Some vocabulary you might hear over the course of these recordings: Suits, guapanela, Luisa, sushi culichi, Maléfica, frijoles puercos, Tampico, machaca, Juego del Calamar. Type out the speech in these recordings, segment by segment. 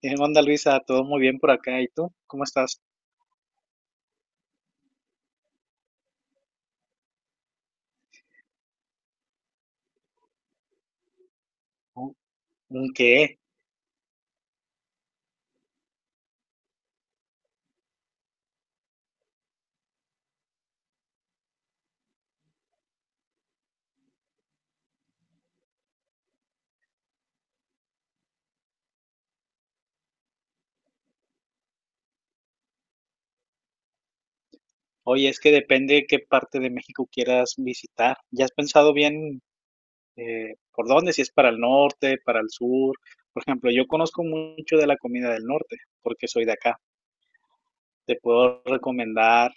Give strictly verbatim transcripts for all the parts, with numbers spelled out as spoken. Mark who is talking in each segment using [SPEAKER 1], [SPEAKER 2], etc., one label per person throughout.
[SPEAKER 1] ¿Qué onda, Luisa? ¿Todo muy bien por acá? ¿Y tú? ¿Cómo estás? ¿Un un qué? Oye, es que depende qué parte de México quieras visitar. ¿Ya has pensado bien eh, por dónde? Si es para el norte, para el sur. Por ejemplo, yo conozco mucho de la comida del norte porque soy de acá. Te puedo recomendar,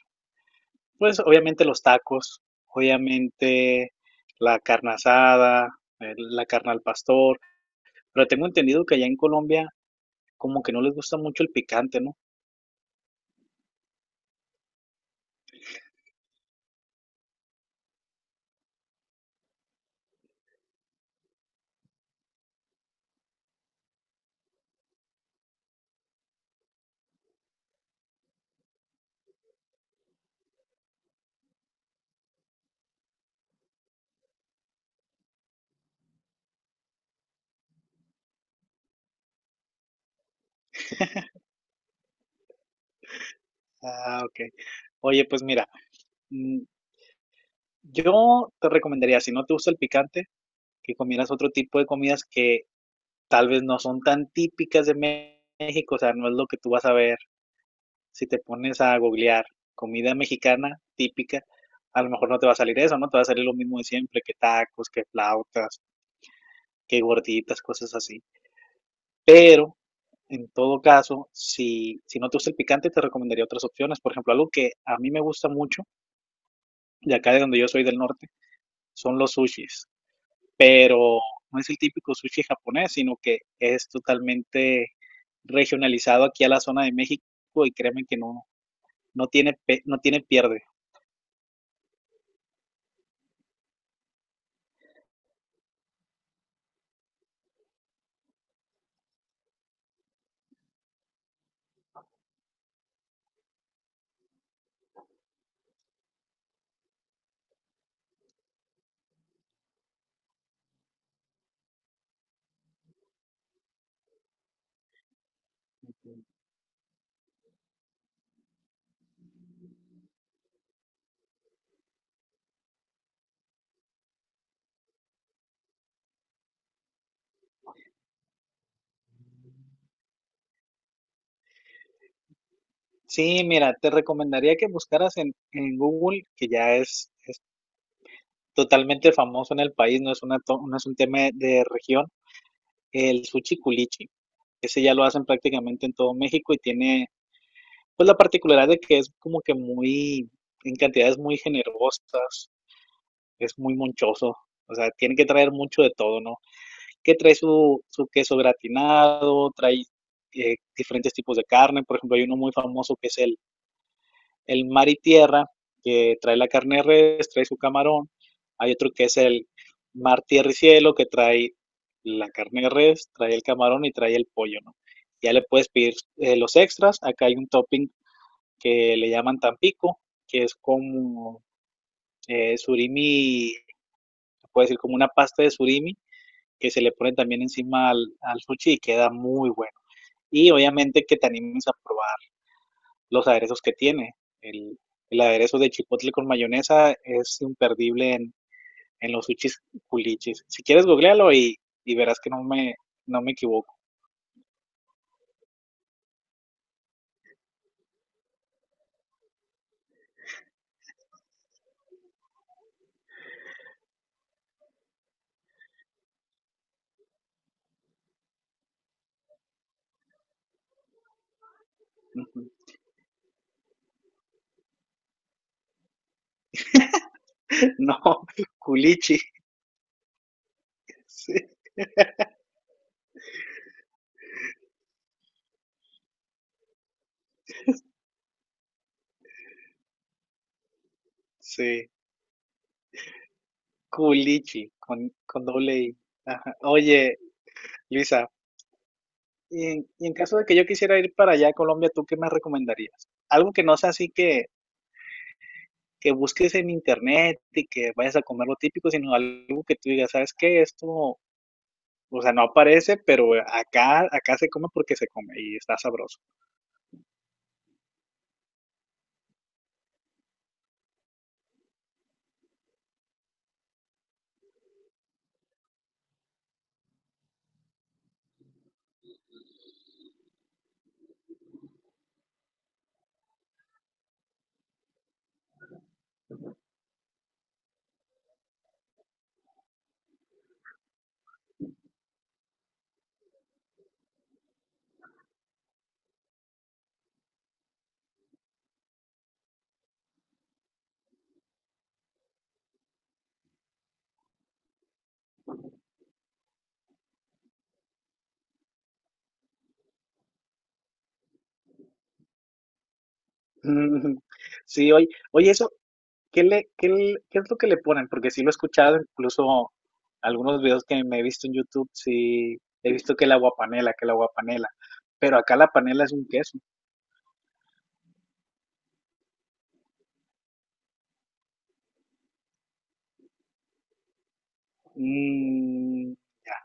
[SPEAKER 1] pues obviamente los tacos, obviamente la carne asada, eh, la carne al pastor. Pero tengo entendido que allá en Colombia como que no les gusta mucho el picante, ¿no? Ah, ok. Oye, pues mira, mm, yo te recomendaría, si no te gusta el picante, que comieras otro tipo de comidas que tal vez no son tan típicas de Me- México, o sea, no es lo que tú vas a ver. Si te pones a googlear comida mexicana típica, a lo mejor no te va a salir eso, ¿no? Te va a salir lo mismo de siempre, que tacos, que flautas, que gorditas, cosas así. Pero, en todo caso, si, si no te gusta el picante, te recomendaría otras opciones. Por ejemplo, algo que a mí me gusta mucho, de acá de donde yo soy del norte, son los sushis, pero no es el típico sushi japonés, sino que es totalmente regionalizado aquí a la zona de México y créeme que no, no tiene, pe- no tiene pierde. Sí, mira, te recomendaría que buscaras en, en Google, que ya es, es totalmente famoso en el país, no es una, to- no es un tema de región, el sushi culichi. Ese ya lo hacen prácticamente en todo México y tiene pues la particularidad de que es como que muy, en cantidades muy generosas, es muy monchoso. O sea, tiene que traer mucho de todo, ¿no? Que trae su, su queso gratinado, trae eh, diferentes tipos de carne. Por ejemplo, hay uno muy famoso que es el, el mar y tierra, que trae la carne de res, trae su camarón. Hay otro que es el mar, tierra y cielo, que trae la carne de res, trae el camarón y trae el pollo, ¿no? Ya le puedes pedir eh, los extras. Acá hay un topping que le llaman tampico, que es como eh, surimi, se puede decir como una pasta de surimi, que se le pone también encima al, al sushi y queda muy bueno. Y obviamente que te animes a probar los aderezos que tiene. El, el aderezo de chipotle con mayonesa es imperdible en, en los sushis culichis. Si quieres, googlealo y, y verás que no me, no me equivoco. No, culichi. Sí, sí, culichi, con, con doble I. Ajá. Oye, Luisa, y en, y en caso de que yo quisiera ir para allá a Colombia, ¿tú qué me recomendarías? Algo que no sea así que, que busques en internet y que vayas a comer lo típico, sino algo que tú digas, ¿sabes qué? Esto, o sea, no aparece, pero acá, acá se come porque se come y está sabroso. Mm, sí, oye, oye, eso, ¿qué le, qué le- ¿qué es lo que le ponen? Porque sí lo he escuchado, incluso algunos videos que me he visto en YouTube, sí he visto que la guapanela, que la guapanela, pero acá la panela es un queso. Mm, ya.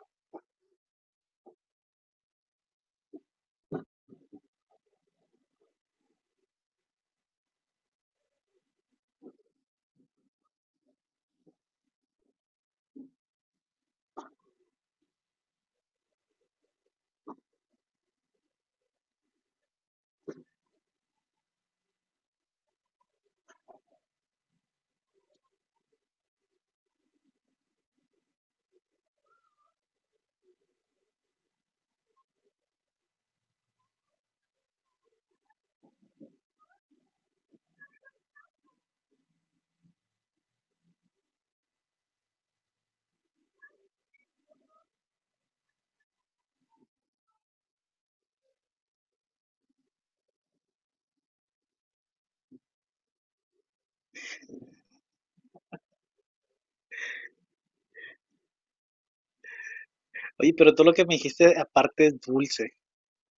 [SPEAKER 1] Oye, pero todo lo que me dijiste aparte es dulce.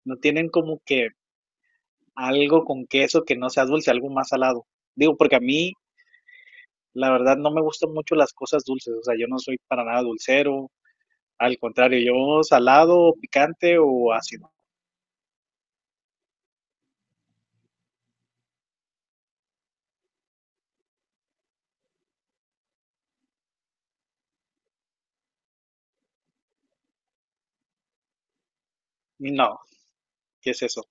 [SPEAKER 1] No tienen como que algo con queso que no sea dulce, algo más salado. Digo, porque a mí, la verdad, no me gustan mucho las cosas dulces. O sea, yo no soy para nada dulcero. Al contrario, yo salado, picante o ácido. No, ¿qué es eso?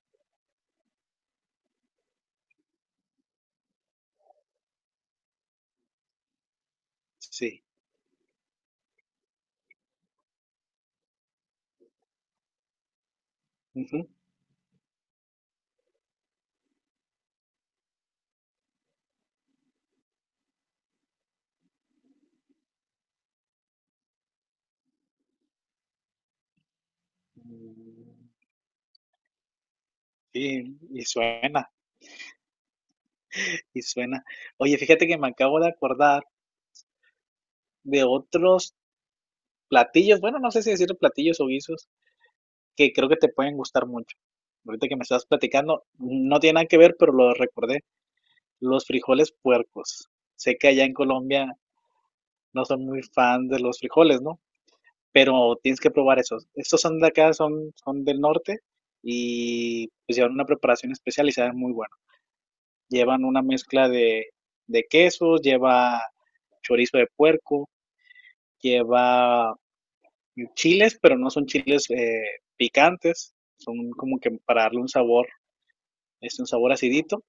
[SPEAKER 1] Sí. Ujú. Mm, sí, y suena, y suena. Oye, fíjate que me acabo de acordar de otros platillos. Bueno, no sé si decir platillos o guisos que creo que te pueden gustar mucho. Ahorita que me estás platicando, no tiene nada que ver, pero lo recordé. Los frijoles puercos. Sé que allá en Colombia no son muy fan de los frijoles, ¿no? Pero tienes que probar esos. Estos son de acá, son, son del norte y pues llevan una preparación especial y saben muy bueno. Llevan una mezcla de, de quesos, lleva chorizo de puerco, lleva chiles, pero no son chiles eh, picantes, son como que para darle un sabor, es un sabor acidito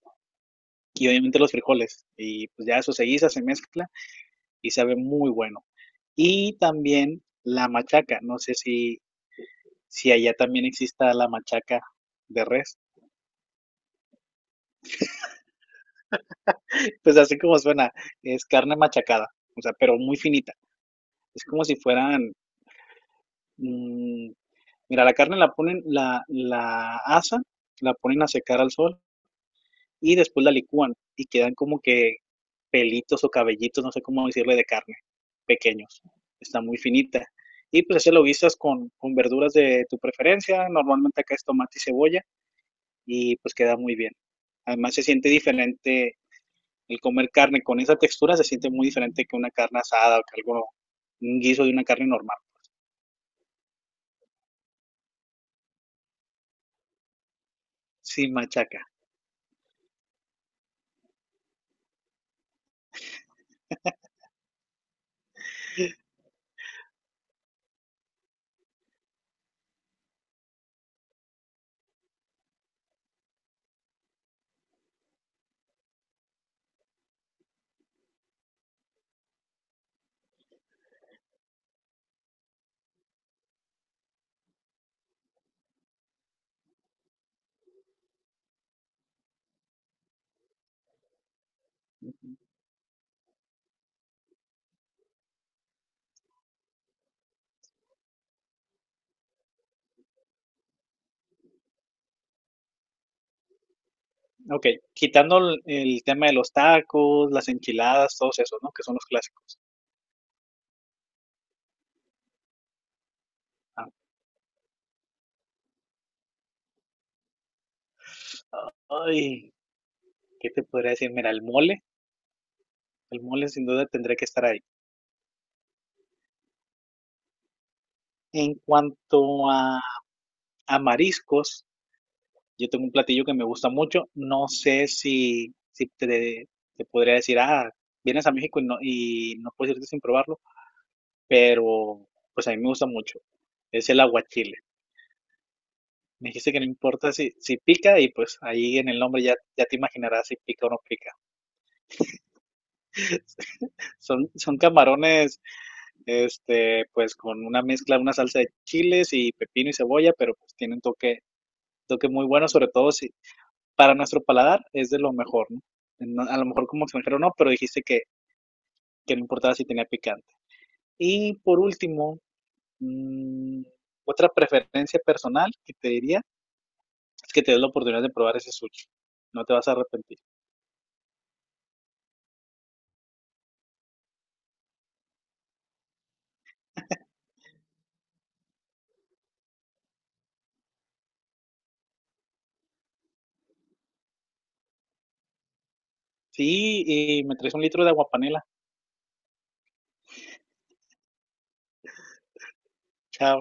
[SPEAKER 1] y obviamente los frijoles. Y pues ya eso se guisa, se mezcla y sabe muy bueno. Y también la machaca, no sé si, si allá también exista la machaca de res. Pues así como suena, es carne machacada, o sea, pero muy finita. Es como si fueran, mm, mira, la carne la ponen, la, la asan, la ponen a secar al sol y después la licúan y quedan como que pelitos o cabellitos, no sé cómo decirle, de carne, pequeños. Está muy finita. Y pues así lo guisas con, con verduras de tu preferencia. Normalmente acá es tomate y cebolla y pues queda muy bien. Además se siente diferente el comer carne con esa textura, se siente muy diferente que una carne asada o que algo, un guiso de una carne normal, sin machaca. Ok, quitando el, el tema de los tacos, las enchiladas, todos esos, ¿no? Que son los clásicos. Ah, ay, ¿qué te podría decir? Mira, el mole, el mole sin duda tendría que estar ahí. En cuanto a, a mariscos, yo tengo un platillo que me gusta mucho. No sé si, si te, te podría decir, ah, vienes a México y no, y no puedes irte sin probarlo, pero pues a mí me gusta mucho. Es el aguachile. Me dijiste que no importa si, si pica y pues ahí en el nombre ya, ya te imaginarás si pica o no pica. Son, son camarones este, pues con una mezcla, una salsa de chiles y pepino y cebolla, pero pues tiene un toque, toque muy bueno, sobre todo si para nuestro paladar es de lo mejor, ¿no? No- A lo mejor como extranjero no, pero dijiste que, que no importaba si tenía picante. Y por último, mm, otra preferencia personal que te diría es que te des la oportunidad de probar ese sushi. No te vas a arrepentir. Sí, y me traes un litro de agua panela. Chao.